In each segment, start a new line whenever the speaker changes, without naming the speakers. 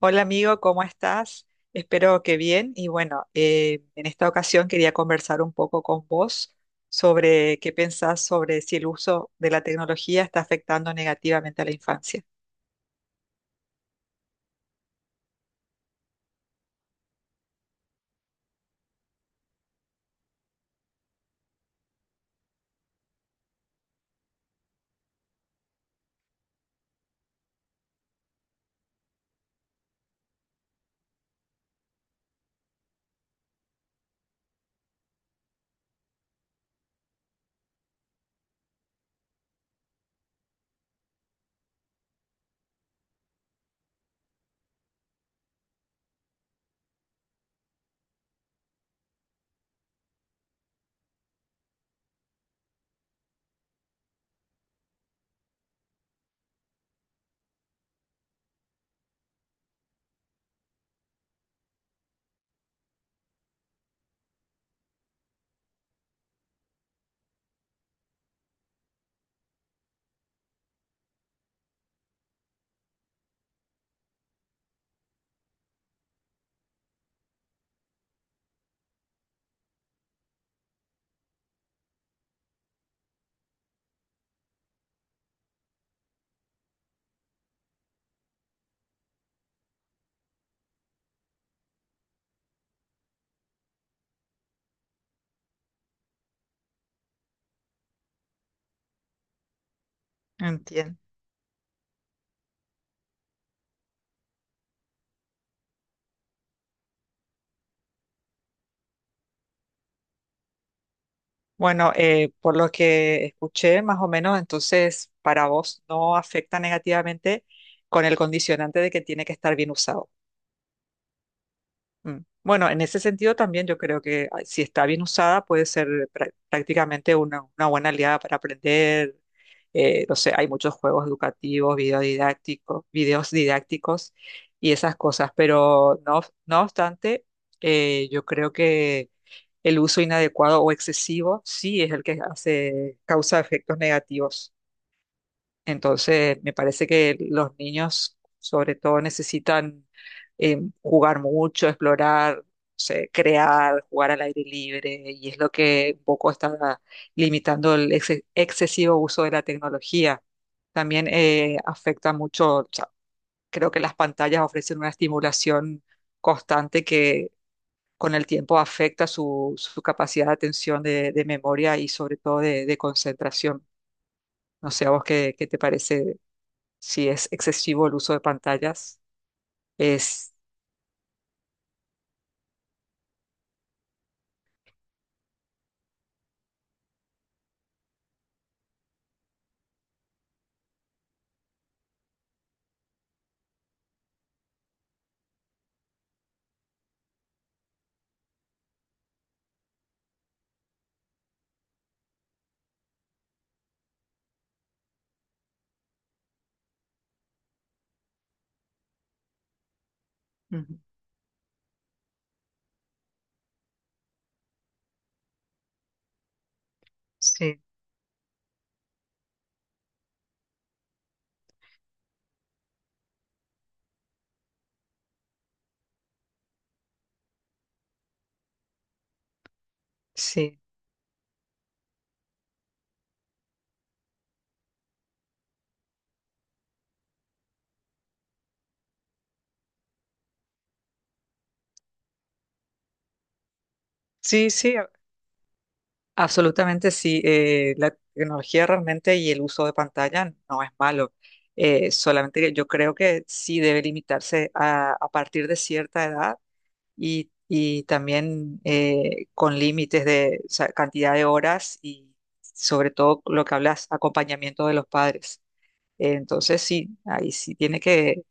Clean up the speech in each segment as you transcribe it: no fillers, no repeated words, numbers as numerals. Hola amigo, ¿cómo estás? Espero que bien. Y bueno, en esta ocasión quería conversar un poco con vos sobre qué pensás sobre si el uso de la tecnología está afectando negativamente a la infancia. Entiendo. Bueno, por lo que escuché, más o menos, entonces para vos no afecta negativamente con el condicionante de que tiene que estar bien usado. Mm. Bueno, en ese sentido también yo creo que si está bien usada puede ser prácticamente una buena aliada para aprender. No sé, hay muchos juegos educativos, videos didácticos y esas cosas, pero no, no obstante, yo creo que el uso inadecuado o excesivo sí es el que hace, causa efectos negativos. Entonces, me parece que los niños, sobre todo, necesitan jugar mucho, explorar, no sé, crear, jugar al aire libre, y es lo que un poco está limitando el excesivo uso de la tecnología. También afecta mucho, o sea, creo que las pantallas ofrecen una estimulación constante que con el tiempo afecta su capacidad de atención, de memoria y sobre todo de concentración. No sé, ¿a vos qué te parece si es excesivo el uso de pantallas? Es, Ujú. Sí, sí, sí, sí, absolutamente sí. La tecnología realmente y el uso de pantalla no es malo. Solamente que yo creo que sí debe limitarse a partir de cierta edad y también con límites de, o sea, cantidad de horas y sobre todo lo que hablas, acompañamiento de los padres. Entonces sí, ahí sí tiene que.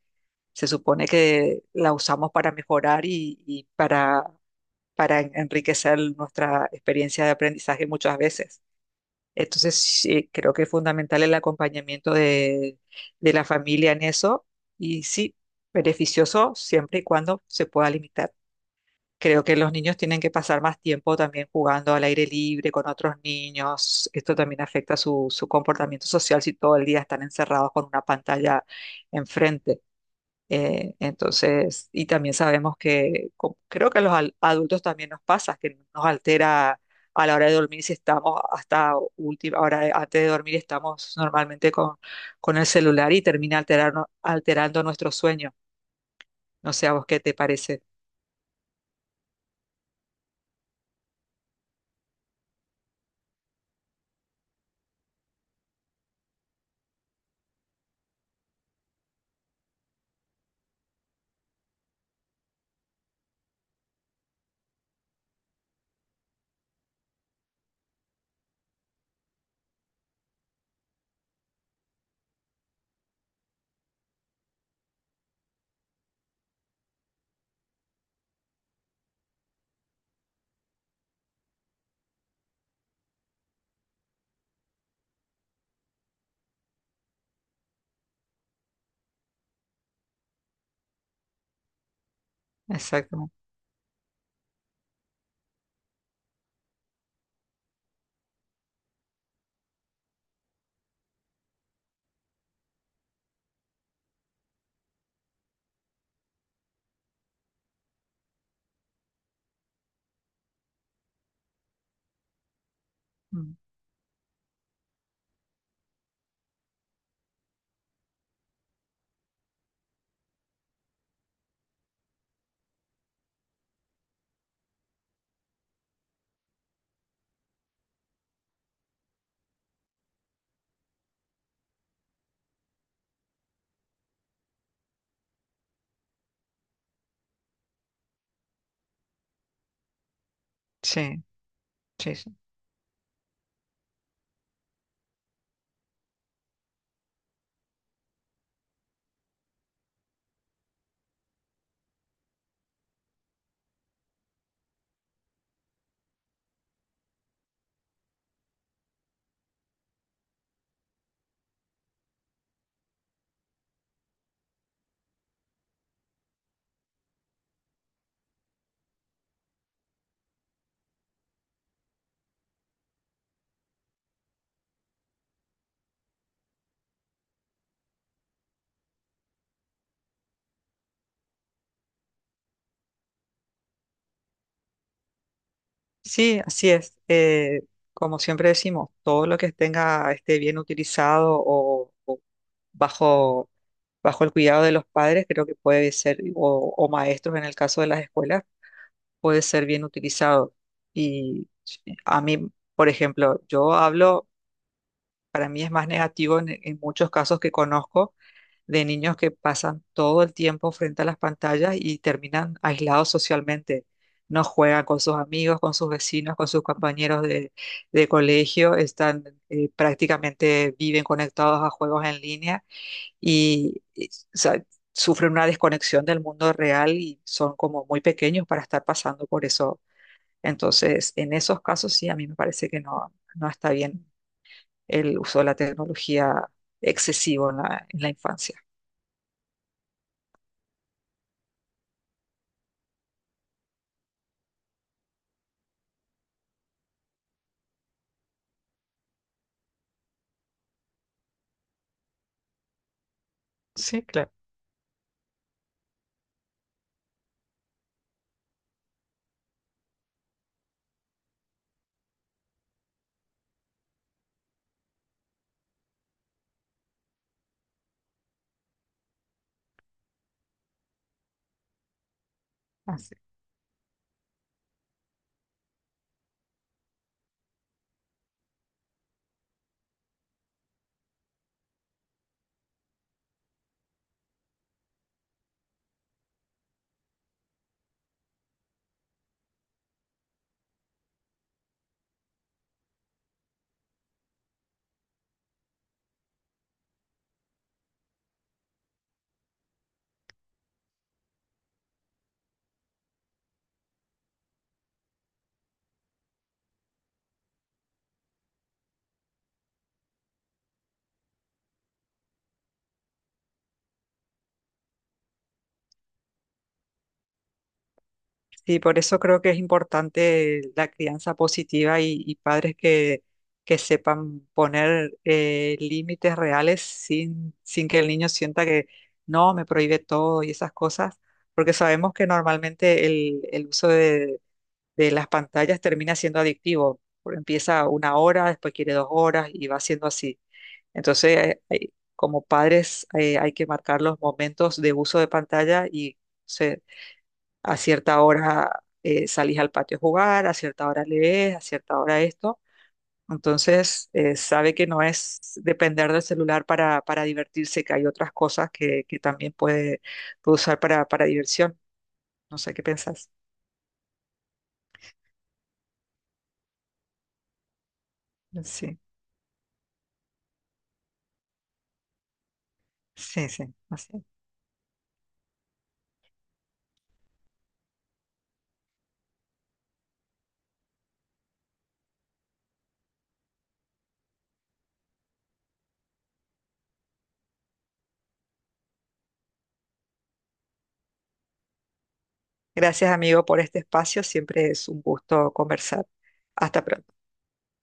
Se supone que la usamos para mejorar y para enriquecer nuestra experiencia de aprendizaje muchas veces. Entonces, sí, creo que es fundamental el acompañamiento de la familia en eso y sí, beneficioso siempre y cuando se pueda limitar. Creo que los niños tienen que pasar más tiempo también jugando al aire libre con otros niños. Esto también afecta su comportamiento social si todo el día están encerrados con una pantalla enfrente. Entonces, y también sabemos que creo que a los adultos también nos pasa, que nos altera a la hora de dormir si estamos hasta última hora antes de dormir estamos normalmente con el celular y termina alterando nuestro sueño. No sé a vos qué te parece. Exacto. Mm. Sí, sí, sí. Sí, así es. Como siempre decimos, todo lo que tenga esté bien utilizado o bajo bajo el cuidado de los padres, creo que puede ser, o maestros en el caso de las escuelas, puede ser bien utilizado. Y a mí, por ejemplo, yo hablo, para mí es más negativo en muchos casos que conozco de niños que pasan todo el tiempo frente a las pantallas y terminan aislados socialmente. No juegan con sus amigos, con sus vecinos, con sus compañeros de colegio, están prácticamente viven conectados a juegos en línea o sea, sufren una desconexión del mundo real y son como muy pequeños para estar pasando por eso. Entonces, en esos casos sí, a mí me parece que no, no está bien el uso de la tecnología excesivo en la infancia. Sí, claro. Así. Sí, por eso creo que es importante la crianza positiva y padres que sepan poner límites reales sin, sin que el niño sienta que no, me prohíbe todo y esas cosas, porque sabemos que normalmente el uso de las pantallas termina siendo adictivo. Por- Empieza 1 hora, después quiere 2 horas y va siendo así. Entonces, hay- como padres, hay que marcar los momentos de uso de pantalla y a cierta hora salís al patio a jugar, a cierta hora lees, a cierta hora esto. Entonces, sabe que no es depender del celular para divertirse, que hay otras cosas que también puede, puede usar para diversión. No sé qué pensás. Sí, sí, sí. Así. Gracias, amigo, por este espacio. Siempre es un gusto conversar. Hasta pronto.